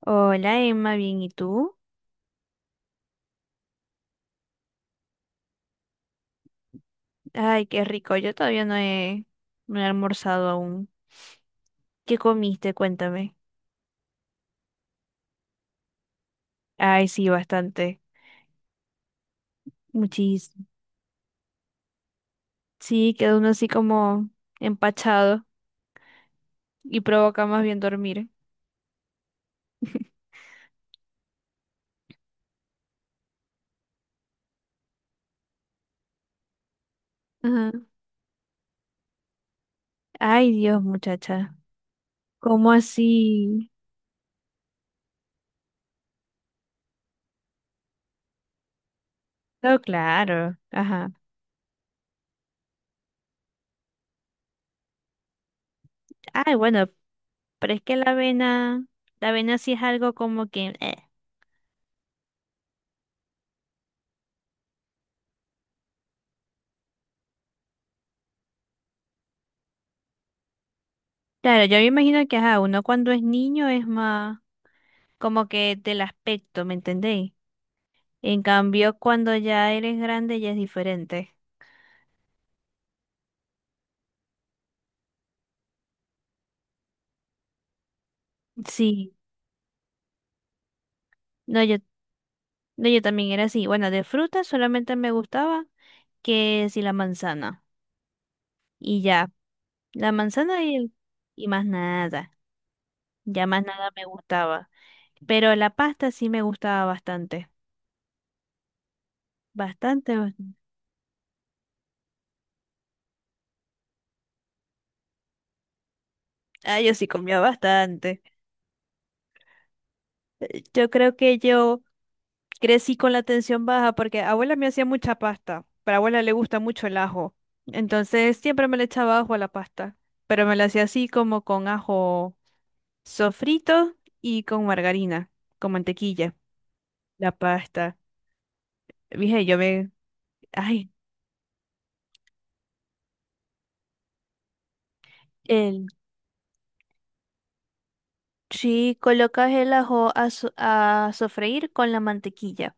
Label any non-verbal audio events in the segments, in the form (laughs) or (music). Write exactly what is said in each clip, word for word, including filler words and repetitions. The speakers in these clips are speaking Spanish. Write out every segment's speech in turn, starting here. Hola Emma, bien, ¿y tú? Ay, qué rico, yo todavía no he, no he almorzado aún. ¿Qué comiste? Cuéntame. Ay, sí, bastante, muchísimo. Sí, queda uno así como empachado y provoca más bien dormir. Ajá. Ay, Dios, muchacha, ¿cómo así? No, claro, ajá. Ay, bueno, pero es que la avena, la avena sí es algo como que... eh. Claro, yo me imagino que ajá, uno cuando es niño es más como que del aspecto, ¿me entendéis? En cambio, cuando ya eres grande ya es diferente. Sí, no, yo, no, yo también era así. Bueno, de fruta solamente me gustaba que si la manzana. Y ya, la manzana y, el- y más nada. Ya más nada me gustaba. Pero la pasta sí me gustaba bastante. Bastante. bas- Ah, yo sí comía bastante. Yo creo que yo crecí con la tensión baja porque abuela me hacía mucha pasta, pero a abuela le gusta mucho el ajo. Entonces siempre me le echaba ajo a la pasta, pero me la hacía así como con ajo sofrito y con margarina, con mantequilla, la pasta. Dije, yo me... Ay, El, si colocas el ajo a, so- a sofreír con la mantequilla.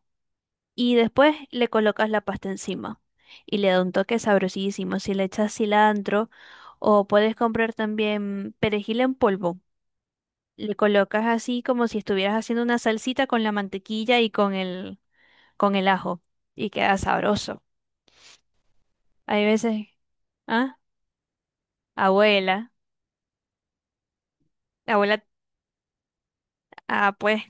Y después le colocas la pasta encima y le da un toque sabrosísimo. Si le echas cilantro o puedes comprar también perejil en polvo, le colocas así como si estuvieras haciendo una salsita con la mantequilla y con el, con el ajo y queda sabroso. Hay veces, ah, abuela, abuela, ah, pues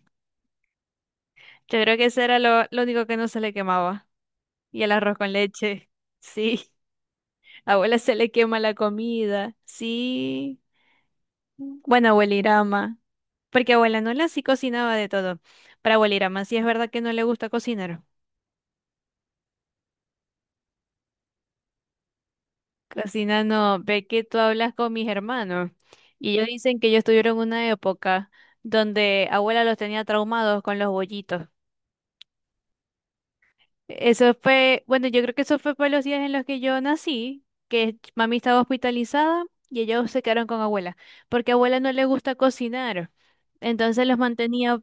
yo creo que eso era lo, lo único que no se le quemaba. Y el arroz con leche, sí, (laughs) abuela se le quema la comida, sí. Bueno, abuelirama. Porque abuela Nola sí cocinaba de todo. Para abuelita más si es verdad que no le gusta cocinar. Cocina no, ve que tú hablas con mis hermanos y ellos dicen que ellos tuvieron una época donde abuela los tenía traumados con los bollitos. Eso fue, bueno, yo creo que eso fue por los días en los que yo nací, que mami estaba hospitalizada y ellos se quedaron con abuela, porque a abuela no le gusta cocinar. Entonces los mantenía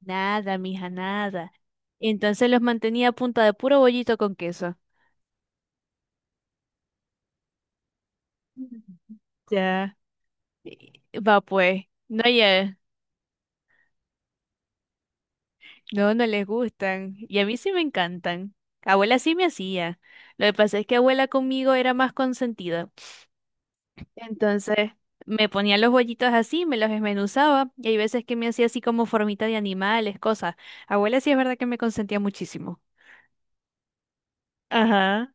nada, mija, nada. Entonces los mantenía a punta de puro bollito con queso. Ya. Y- Va pues. No, ya. No, no les gustan. Y a mí sí me encantan. Abuela sí me hacía. Lo que pasa es que abuela conmigo era más consentida. Entonces, me ponía los bollitos así, me los desmenuzaba. Y hay veces que me hacía así como formita de animales, cosas. Abuela sí es verdad que me consentía muchísimo. Ajá.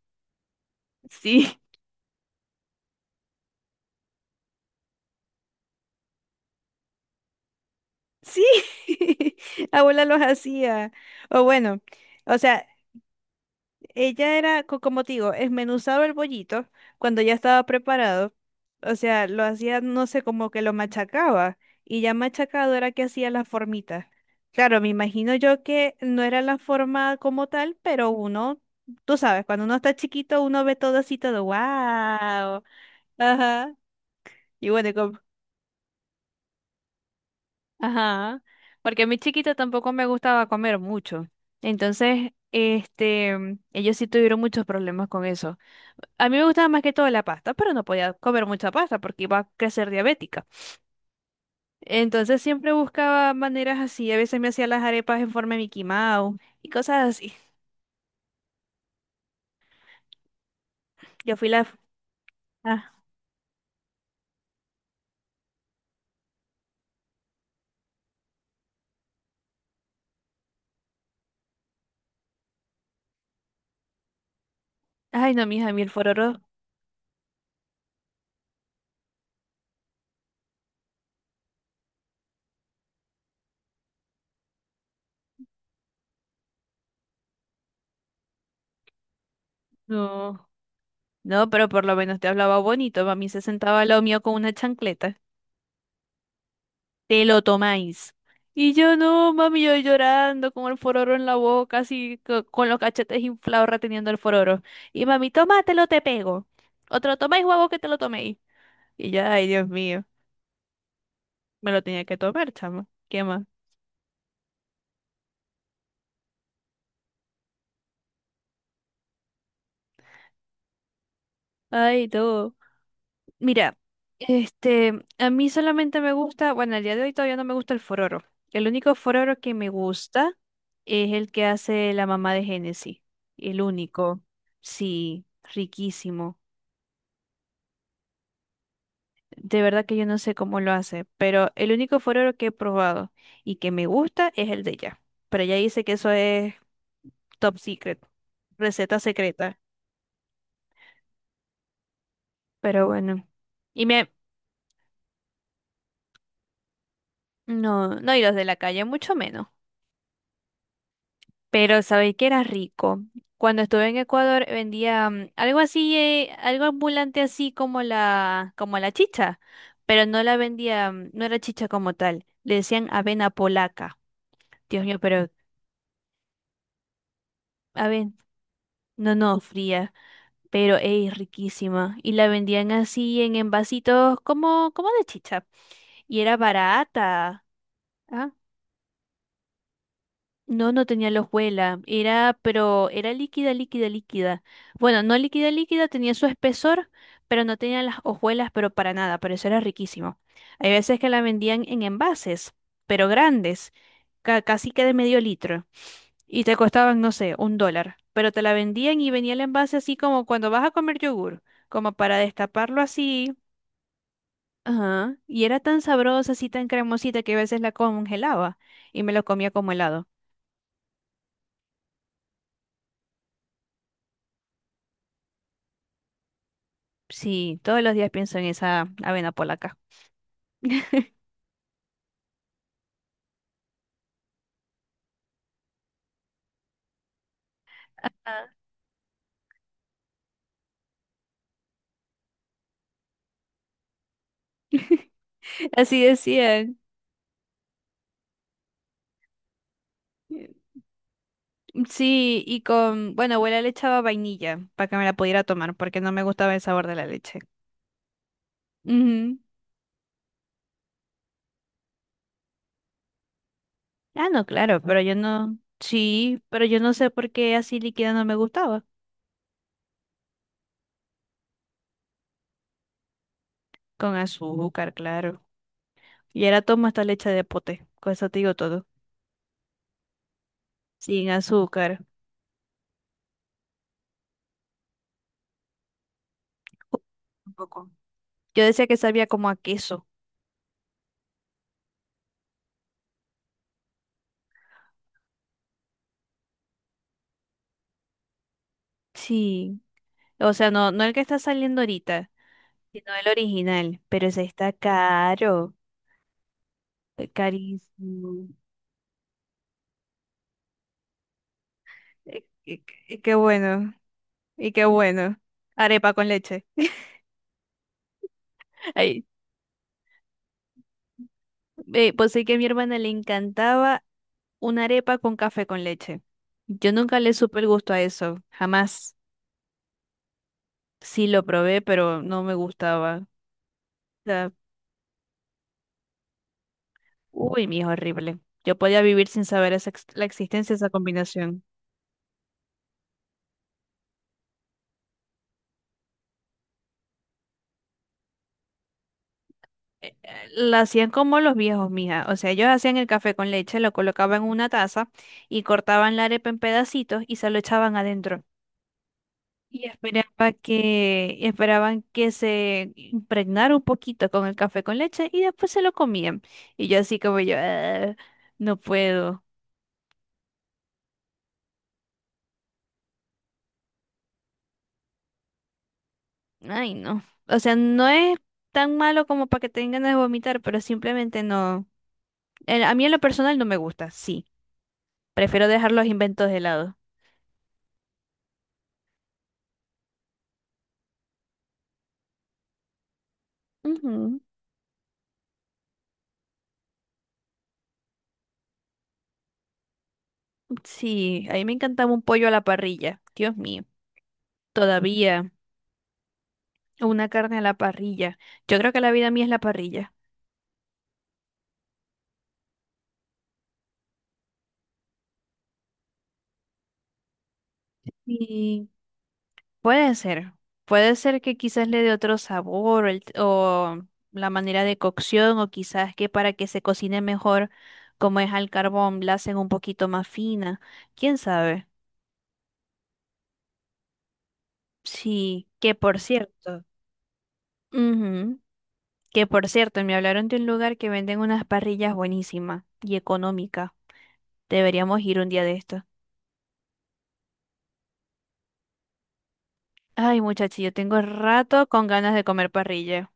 Sí, sí. (laughs) Abuela los hacía. O bueno, o sea, Ella era, co- como te digo, esmenuzaba el bollito cuando ya estaba preparado. O sea, lo hacía, no sé, como que lo machacaba. Y ya machacado era que hacía la formita. Claro, me imagino yo que no era la forma como tal, pero uno, tú sabes, cuando uno está chiquito, uno ve todo así, todo, wow. Ajá. Y bueno, Ajá, porque a mi chiquita tampoco me gustaba comer mucho. Entonces, este, mm, ellos sí tuvieron muchos problemas con eso. A mí me gustaba más que todo la pasta, pero no podía comer mucha pasta porque iba a crecer diabética. Entonces siempre buscaba maneras así. A veces me hacía las arepas en forma de Mickey Mouse y cosas así. Yo fui la... Ah, Ay, no, mija, a mí el fororo... No, no, pero por lo menos te hablaba bonito. A mí se sentaba al lado mío con una chancleta. Te lo tomáis. Y yo no, mami, yo llorando con el fororo en la boca, así co- con los cachetes inflados reteniendo el fororo. Y mami, tómatelo, te pego. O te lo tomáis o que te lo toméis. Y yo, ay, Dios mío, me lo tenía que tomar, chamo. ¿Qué más? Ay, todo. Mira, este, a mí solamente me gusta, bueno, al día de hoy todavía no me gusta el fororo. El único fororo que me gusta es el que hace la mamá de Genesis. El único. Sí, riquísimo. De verdad que yo no sé cómo lo hace, pero el único forero que he probado y que me gusta es el de ella. Pero ella dice que eso es top secret, receta secreta. Pero bueno. Y me... No, no, y los de la calle mucho menos. Pero sabéis que era rico. Cuando estuve en Ecuador vendía mm, algo así, eh, algo ambulante así como la, como la chicha, pero no la vendía, mm, no era chicha como tal. Le decían avena polaca. Dios mío, pero a ver, no, no, fría, pero es riquísima. Y la vendían así en envasitos como, como de chicha. Y era barata. Ah, no, no tenía hojuela. Era, pero era líquida, líquida, líquida. Bueno, no líquida, líquida, tenía su espesor, pero no tenía las hojuelas, pero para nada. Pero eso era riquísimo. Hay veces que la vendían en envases, pero grandes, ca- casi que de medio litro. Y te costaban, no sé, un dólar. Pero te la vendían y venía el envase así como cuando vas a comer yogur como para destaparlo así. Ajá. Y era tan sabrosa, así tan cremosita que a veces la congelaba y me lo comía como helado. Sí, todos los días pienso en esa avena polaca. (laughs) Ah. Así decían. Sí, y con, bueno, abuela le echaba vainilla para que me la pudiera tomar porque no me gustaba el sabor de la leche. Ujú. Ah, no, claro, pero yo no, sí, pero yo no sé por qué así líquida no me gustaba. Con azúcar, claro. Y ahora tomo esta leche de pote, con eso te digo todo. Sin azúcar. Un poco. Yo decía que sabía como a queso. Sí. O sea, no, no el que está saliendo ahorita, sino el original. Pero ese está caro, eh, carísimo. Eh, eh, eh, qué bueno, y qué bueno. Arepa con leche. (laughs) Ay, eh, pues sí que a mi hermana le encantaba una arepa con café con leche. Yo nunca le supe el gusto a eso, jamás. Sí lo probé, pero no me gustaba. O sea, uy, mi hijo, horrible. Yo podía vivir sin saber esa ex- la existencia de esa combinación. eh, La hacían como los viejos, mija. O sea, ellos hacían el café con leche, lo colocaban en una taza y cortaban la arepa en pedacitos y se lo echaban adentro. Y esperaba que, esperaban que se impregnara un poquito con el café con leche y después se lo comían. Y yo así como yo, "Ah, no puedo. Ay, no. O sea, no es tan malo como para que tengan ganas de vomitar, pero simplemente no. El- a mí en lo personal no me gusta, sí. Prefiero dejar los inventos de lado. Ujú. Sí, a mí me encantaba un pollo a la parrilla. Dios mío, todavía una carne a la parrilla. Yo creo que la vida mía es la parrilla. Y puede ser, puede ser que quizás le dé otro sabor el- o la manera de cocción o quizás que para que se cocine mejor, como es al carbón, la hacen un poquito más fina. ¿Quién sabe? Sí, que por cierto. ujú, Que por cierto, me hablaron de un lugar que venden unas parrillas buenísimas y económicas. Deberíamos ir un día de esto. Ay, muchachos, yo tengo rato con ganas de comer parrilla.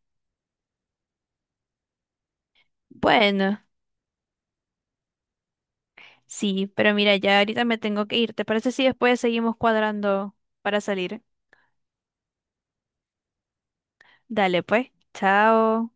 Bueno, sí, pero mira, ya ahorita me tengo que ir. ¿Te parece si después seguimos cuadrando para salir? Dale, pues. Chao.